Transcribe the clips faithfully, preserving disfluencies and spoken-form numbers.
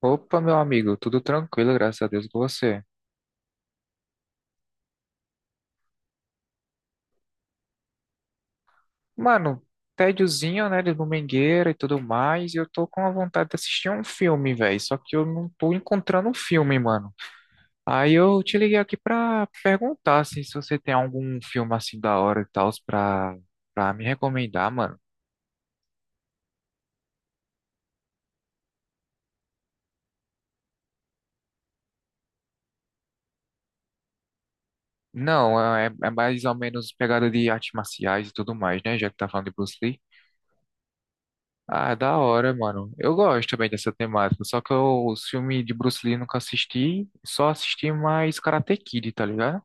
Opa, meu amigo, tudo tranquilo, graças a Deus com você. Mano, tédiozinho, né, de domingueira e tudo mais, e eu tô com a vontade de assistir um filme, velho, só que eu não tô encontrando um filme, mano. Aí eu te liguei aqui pra perguntar assim, se você tem algum filme assim da hora e tal pra, pra me recomendar, mano. Não, é, é mais ou menos pegada de artes marciais e tudo mais, né, já que tá falando de Bruce Lee. Ah, da hora, mano. Eu gosto também dessa temática, só que eu, os filmes de Bruce Lee nunca assisti, só assisti mais Karate Kid, tá ligado?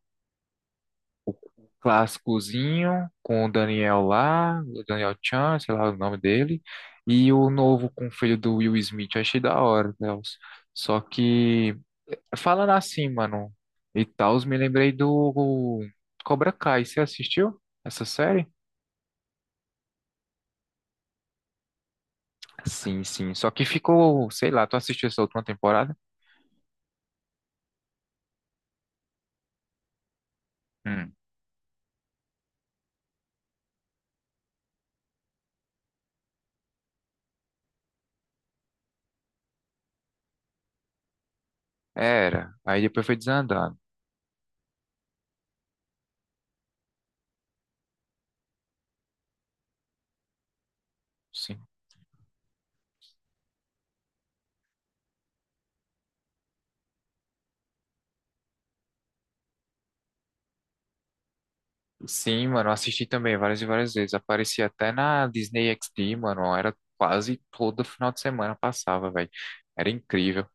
Clássicozinho, com o Daniel lá, o Daniel Chan, sei lá o nome dele, e o novo com o filho do Will Smith, achei da hora, Deus. Só que, falando assim, mano, e tal, me lembrei do Cobra Kai, você assistiu essa série? Sim, sim, só que ficou, sei lá, tu assistiu essa última temporada? Era. Aí depois foi desandando. Sim. Sim, mano, assisti também várias e várias vezes. Aparecia até na Disney X D, mano. Era quase todo final de semana passava, velho. Era incrível.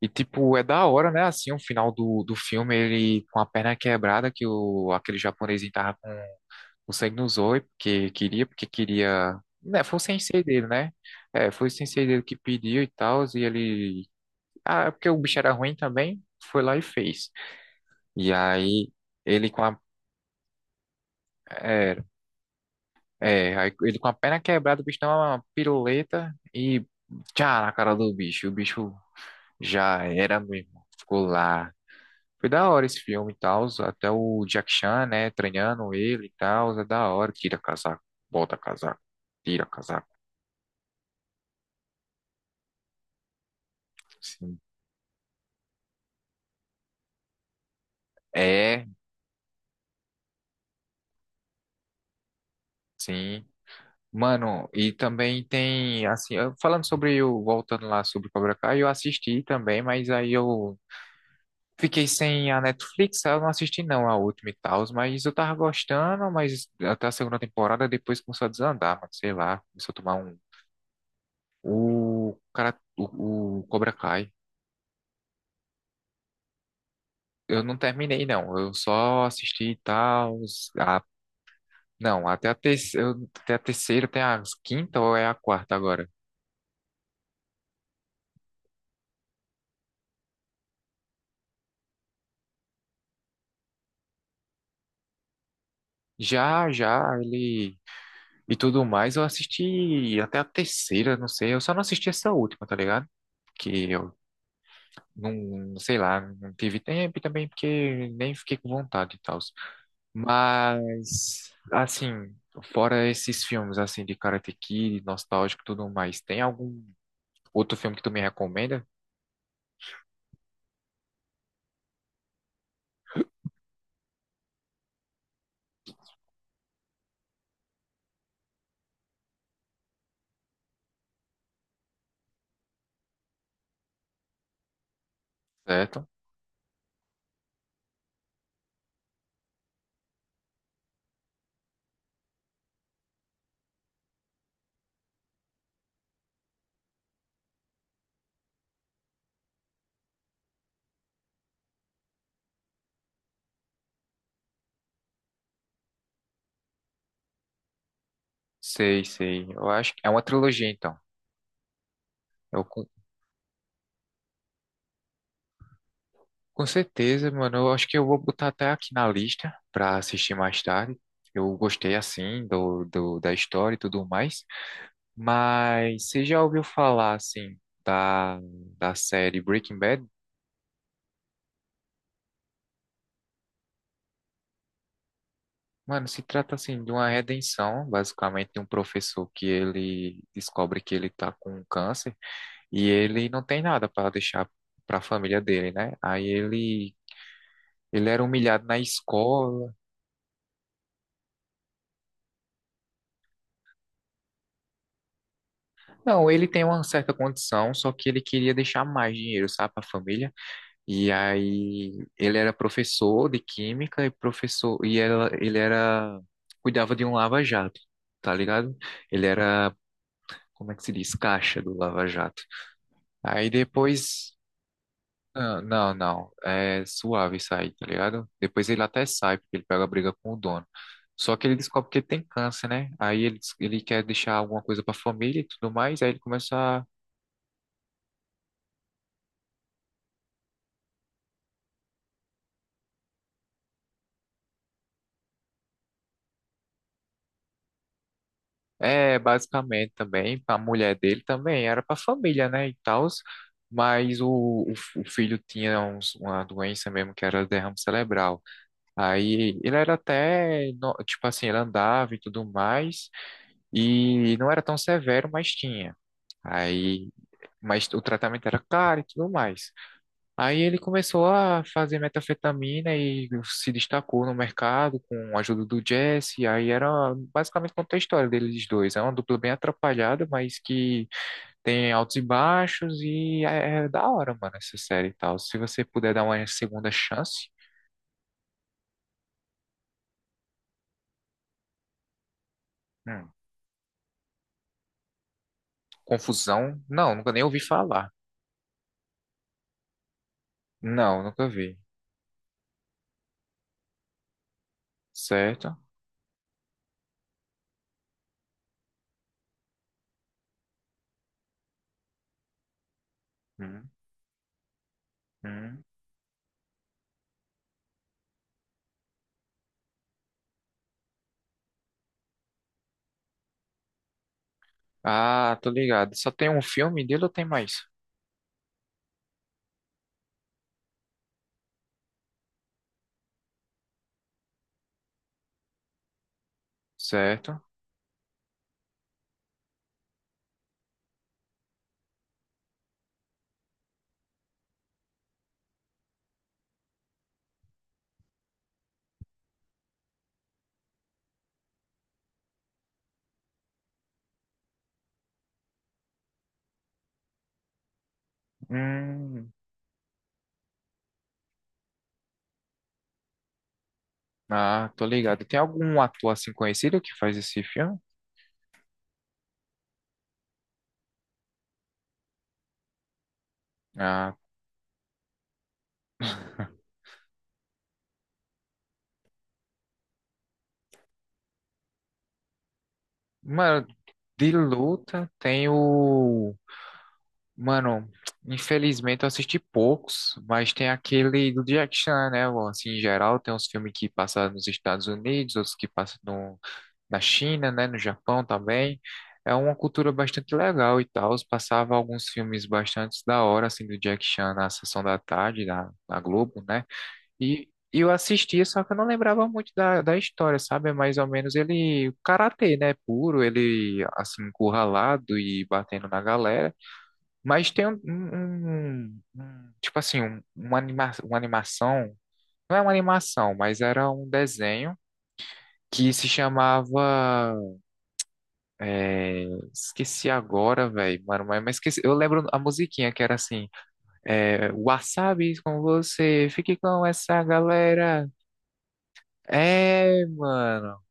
E, tipo, é da hora, né? Assim, o final do, do filme, ele com a perna quebrada, que o, aquele japonesinho tava com o sangue nos olhos, porque queria, porque queria. Né, foi o sensei dele, né? É, foi o sensei dele que pediu e tal, e ele. Ah, é porque o bicho era ruim também, foi lá e fez. E aí. Ele com a Era. É, aí ele com a perna quebrada, o bicho dá uma piruleta e tchá na cara do bicho. O bicho já era mesmo. Ficou lá. Foi da hora esse filme e tal. Até o Jack Chan, né, treinando ele e tal. É da hora. Tira casaco, bota casaco, tira casaco. Sim. É, sim. Mano, e também tem, assim, eu- falando sobre o, voltando lá sobre Cobra Kai, eu assisti também, mas aí eu fiquei sem a Netflix, eu não assisti não a última e tal, mas eu tava gostando, mas até a segunda temporada depois começou a desandar, mano, sei lá, começou a tomar um. O cara, o, o Cobra Kai, eu não terminei não, eu só assisti e tal, a, não, até a, terce- eu- até a terceira, tem a quinta ou é a quarta agora? Já, já, ele. E tudo mais, eu assisti até a terceira, não sei, eu só não assisti essa última, tá ligado? Que eu Não, sei lá, não tive tempo e também porque nem fiquei com vontade e tal. Mas, assim, fora esses filmes, assim, de Karate Kid, nostálgico e tudo mais, tem algum outro filme que tu me recomenda? Certo? Sei, sei. Eu acho que é uma trilogia, então. Eu, com, com certeza, mano, eu acho que eu vou botar até aqui na lista pra assistir mais tarde. Eu gostei, assim, do, do, da história e tudo mais. Mas você já ouviu falar, assim, da, da série Breaking Bad? Mano, se trata, assim, de uma redenção, basicamente, de um professor que ele descobre que ele tá com câncer e ele não tem nada para deixar para a família dele, né? Aí ele, ele era humilhado na escola. Não, ele tem uma certa condição, só que ele queria deixar mais dinheiro, sabe, para a família. E aí ele era professor de química e professor e ela, ele era cuidava de um lava-jato, tá ligado? Ele era, como é que se diz, caixa do lava-jato. Aí depois, ah, não, não, é suave sair, tá ligado? Depois ele até sai, porque ele pega a briga com o dono. Só que ele descobre que ele tem câncer, né? Aí ele, ele quer deixar alguma coisa pra família e tudo mais, aí ele começa a. É, basicamente também, a mulher dele também era para família, né, e tal, mas o, o, f- o filho tinha uns- uma doença mesmo que era derrame cerebral. Aí ele era até, no- tipo assim, ele andava e tudo mais, e não era tão severo, mas tinha. Aí, mas o tratamento era caro e tudo mais. Aí ele começou a fazer metanfetamina e se destacou no mercado com a ajuda do Jesse. Aí era basicamente conta a história deles dois. É uma dupla bem atrapalhada, mas que tem altos e baixos e é, é da hora, mano, essa série e tal. Se você puder dar uma segunda chance. hum, Confusão, não, nunca nem ouvi falar. Não, nunca vi. Certo? Hum, hum. Ah, tô ligado. Só tem um filme dele ou tem mais? Certo? Hum. Ah, tô ligado. Tem algum ator assim conhecido que faz esse filme? Ah, mano, de luta tem o. Mano, infelizmente eu assisti poucos, mas tem aquele do Jack Chan, né? Bom, assim, em geral, tem uns filmes que passam nos Estados Unidos, outros que passam no. Na China, né? No Japão também. É uma cultura bastante legal e tal. Passava alguns filmes bastante da hora, assim, do Jack Chan na sessão da tarde, na, na, Globo, né? E e eu assistia, só que eu não lembrava muito da, da história, sabe? É mais ou menos ele, karatê, né? Puro, ele assim, encurralado e batendo na galera. Mas tem um, um- um- um, tipo assim, um, uma anima, uma animação, não é uma animação, mas era um desenho que se chamava, é, esqueci agora, velho, mano, mas, mas esqueci, eu lembro a musiquinha que era assim, é, Wasabi com você, fique com essa galera. É, mano.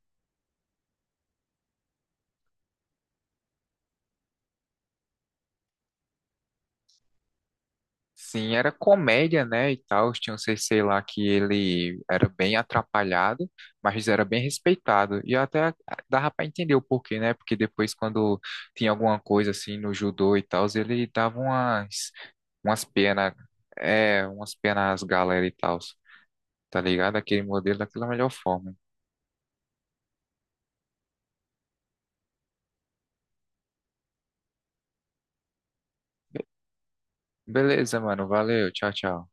Sim, era comédia, né, e tal. Tinha um C C lá que ele era bem atrapalhado, mas era bem respeitado. E até, ah, dava pra entender o porquê, né? Porque depois, quando tinha alguma coisa assim no judô e tal, ele dava umas, umas, penas, é, umas penas às galera e tal, tá ligado? Aquele modelo daquela melhor forma. Be- Beleza, mano, valeu, tchau, tchau.